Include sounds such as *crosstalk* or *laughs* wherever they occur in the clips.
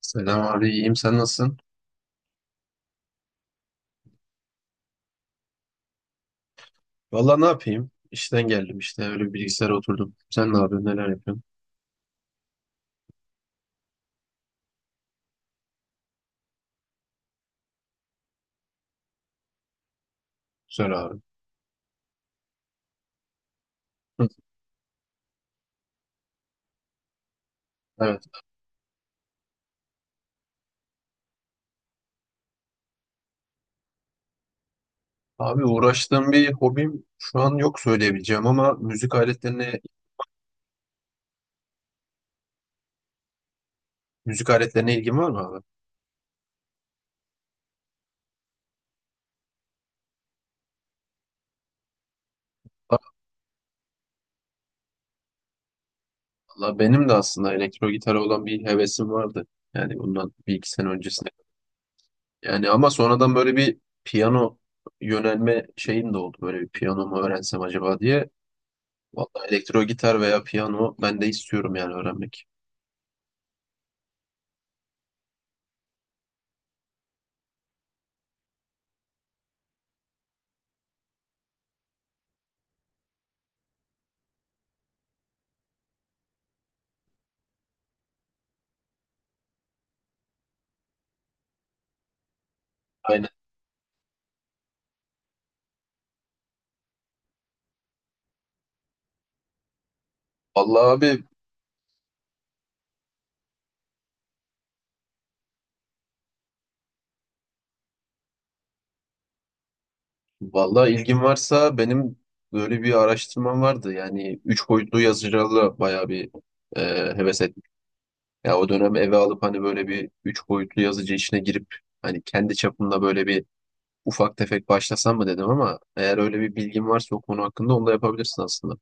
Selam abi, iyiyim. Sen nasılsın? Valla ne yapayım? İşten geldim işte. Öyle bir bilgisayara oturdum. Sen ne yapıyorsun? Neler yapıyorsun? Güzel abi. Hı. Evet. Abi uğraştığım bir hobim şu an yok söyleyebileceğim ama müzik aletlerine ilgim var mı abi? Valla benim de aslında elektro gitara olan bir hevesim vardı. Yani bundan bir iki sene öncesine. Yani ama sonradan böyle bir piyano yönelme şeyim de oldu. Böyle bir piyano mu öğrensem acaba diye. Valla elektro gitar veya piyano ben de istiyorum yani öğrenmek. Vallahi abi, vallahi ilgin varsa benim böyle bir araştırmam vardı. Yani üç boyutlu yazıcılarla bayağı bir e, heves ettim. Ya o dönem eve alıp hani böyle bir üç boyutlu yazıcı işine girip hani kendi çapımda böyle bir ufak tefek başlasam mı dedim ama eğer öyle bir bilgin varsa o konu hakkında onu da yapabilirsin aslında.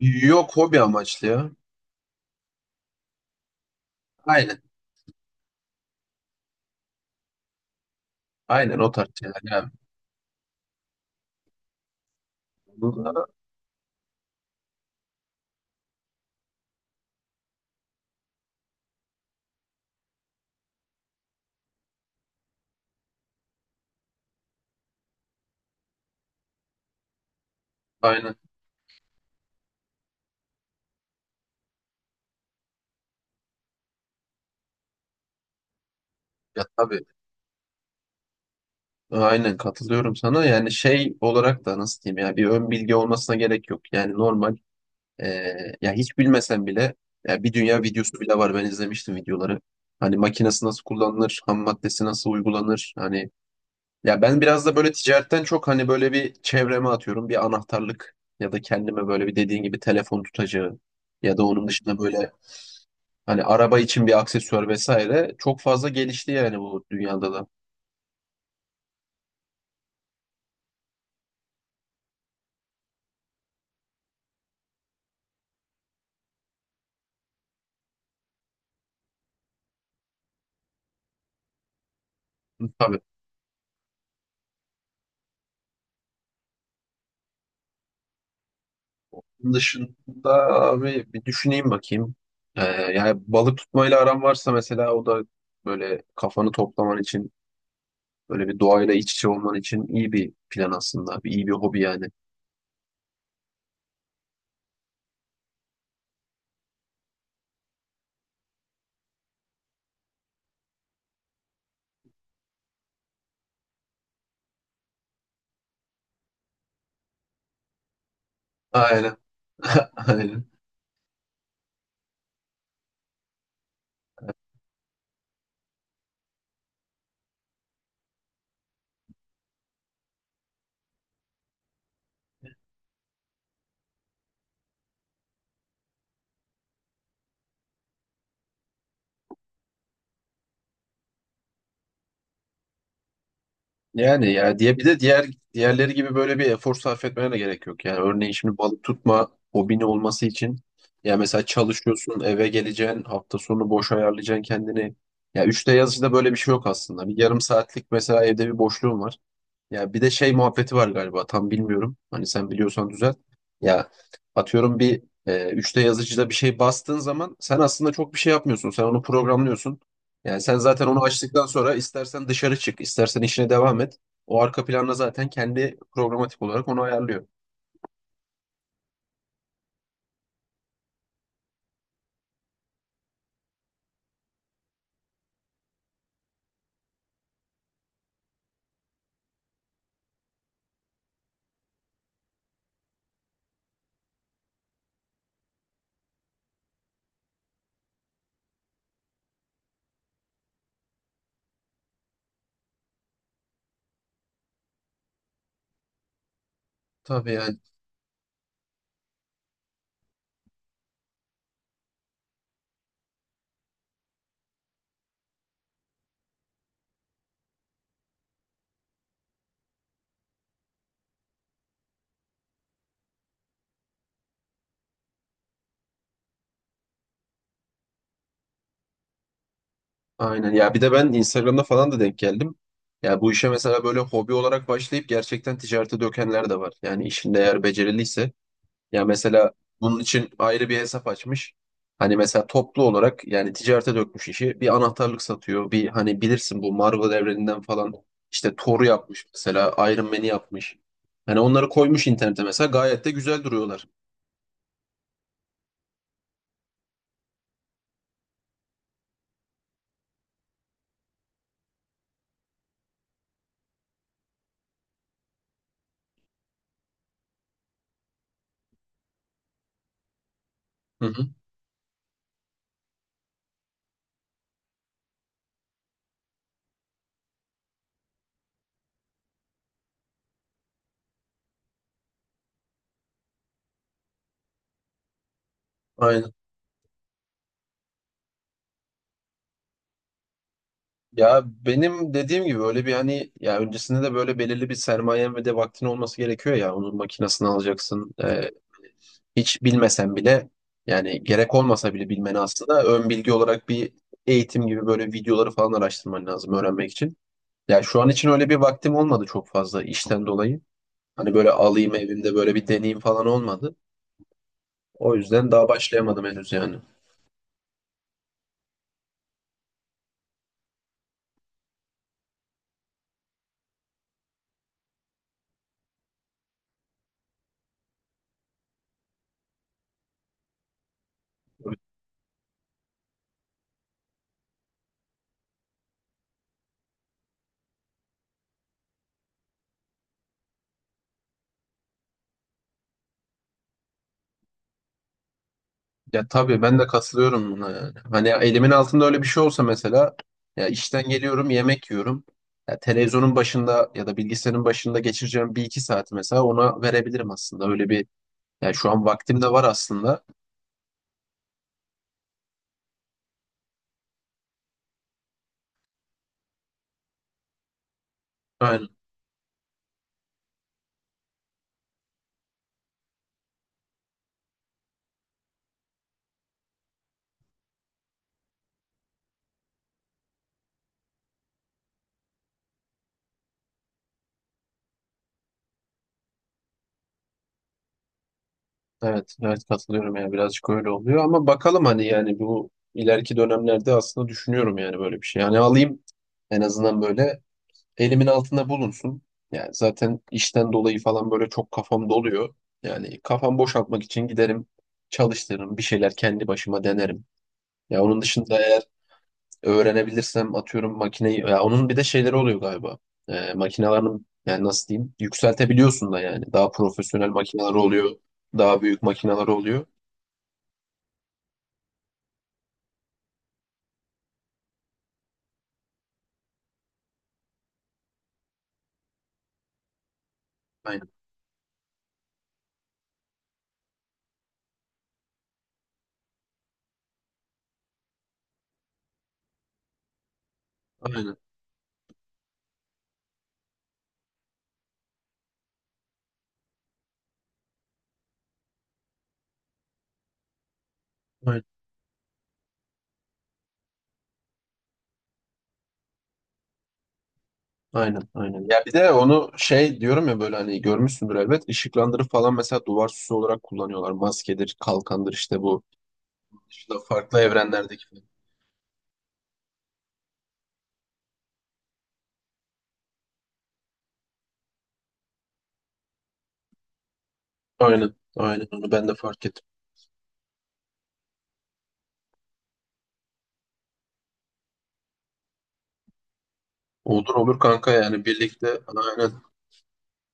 Yok hobi amaçlı ya. Aynen. Aynen o tarz şeyler yani. Bu Aynen. Ya tabii. Aynen katılıyorum sana. Yani şey olarak da nasıl diyeyim ya bir ön bilgi olmasına gerek yok. Yani normal. Ee, Ya hiç bilmesen bile ya bir dünya videosu bile var. Ben izlemiştim videoları. Hani makinesi nasıl kullanılır, ham maddesi nasıl uygulanır. Hani ya ben biraz da böyle ticaretten çok hani böyle bir çevreme atıyorum. Bir anahtarlık ya da kendime böyle bir dediğin gibi telefon tutacağı ya da onun dışında böyle hani araba için bir aksesuar vesaire çok fazla gelişti yani bu dünyada da. Tabii. Bunun dışında abi bir düşüneyim bakayım. Yani balık tutmayla aram varsa mesela o da böyle kafanı toplaman için. Böyle bir doğayla iç içe olman için iyi bir plan aslında. Bir, iyi bir hobi yani. Aynen. *laughs* Aynen. Yani ya diye bir de diğer diğerleri gibi böyle bir efor sarf etmene de gerek yok. Yani örneğin şimdi balık tutma hobini olması için ya mesela çalışıyorsun, eve geleceksin, hafta sonu boş ayarlayacaksın kendini. Ya üçte yazıcıda böyle bir şey yok aslında. Bir yarım saatlik mesela evde bir boşluğum var. Ya bir de şey muhabbeti var galiba tam bilmiyorum. Hani sen biliyorsan düzelt. Ya atıyorum bir 3D yazıcıda bir şey bastığın zaman sen aslında çok bir şey yapmıyorsun. Sen onu programlıyorsun. Yani sen zaten onu açtıktan sonra istersen dışarı çık, istersen işine devam et. O arka planda zaten kendi programatik olarak onu ayarlıyor. Tabii yani. Aynen, ya bir de ben Instagram'da falan da denk geldim. Ya bu işe mesela böyle hobi olarak başlayıp gerçekten ticarete dökenler de var. Yani işinde eğer beceriliyse. Ya mesela bunun için ayrı bir hesap açmış. Hani mesela toplu olarak yani ticarete dökmüş işi. Bir anahtarlık satıyor. Bir hani bilirsin bu Marvel evreninden falan işte Thor'u yapmış mesela Iron Man'i yapmış. Hani onları koymuş internete mesela gayet de güzel duruyorlar. Hı hı. Aynen. Ya benim dediğim gibi öyle bir hani ya öncesinde de böyle belirli bir sermayen ve de vaktin olması gerekiyor ya onun makinesini alacaksın. Hiç bilmesen bile yani gerek olmasa bile bilmeni aslında ön bilgi olarak bir eğitim gibi böyle videoları falan araştırman lazım öğrenmek için. Ya şu an için öyle bir vaktim olmadı çok fazla işten dolayı. Hani böyle alayım evimde böyle bir deneyim falan olmadı. O yüzden daha başlayamadım henüz yani. Ya tabii ben de katılıyorum buna yani. Hani elimin altında öyle bir şey olsa mesela ya işten geliyorum yemek yiyorum. Ya televizyonun başında ya da bilgisayarın başında geçireceğim bir iki saat mesela ona verebilirim aslında. Öyle bir yani şu an vaktim de var aslında. Aynen. Evet, evet katılıyorum ya birazcık öyle oluyor ama bakalım hani yani bu ileriki dönemlerde aslında düşünüyorum yani böyle bir şey. Yani alayım en azından böyle elimin altında bulunsun. Yani zaten işten dolayı falan böyle çok kafam doluyor. Yani kafam boşaltmak için giderim, çalıştırırım, bir şeyler kendi başıma denerim. Ya onun dışında eğer öğrenebilirsem atıyorum makineyi ya onun bir de şeyleri oluyor galiba. Makinelerin yani nasıl diyeyim yükseltebiliyorsun da yani daha profesyonel makineler oluyor. Daha büyük makineler oluyor. Aynen. Aynen. Aynen. Aynen. Aynen. Ya bir de onu şey diyorum ya böyle hani görmüşsündür elbet. Işıklandırı falan mesela duvar süsü olarak kullanıyorlar. Maskedir, kalkandır işte bu dışında farklı evrenlerdeki film. Aynen. Aynen onu ben de fark ettim. Olur olur kanka yani birlikte aynen.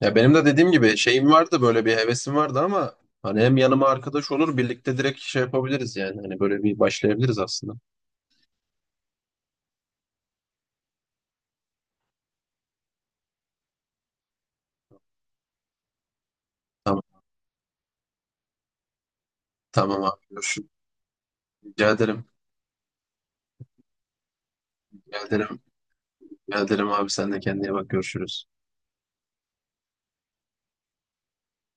Ya benim de dediğim gibi şeyim vardı böyle bir hevesim vardı ama hani hem yanıma arkadaş olur birlikte direkt şey yapabiliriz yani. Hani böyle bir başlayabiliriz aslında. Tamam. Tamam abi görüşürüz. Rica ederim. Rica ederim. Rica ederim abi sen de kendine bak görüşürüz.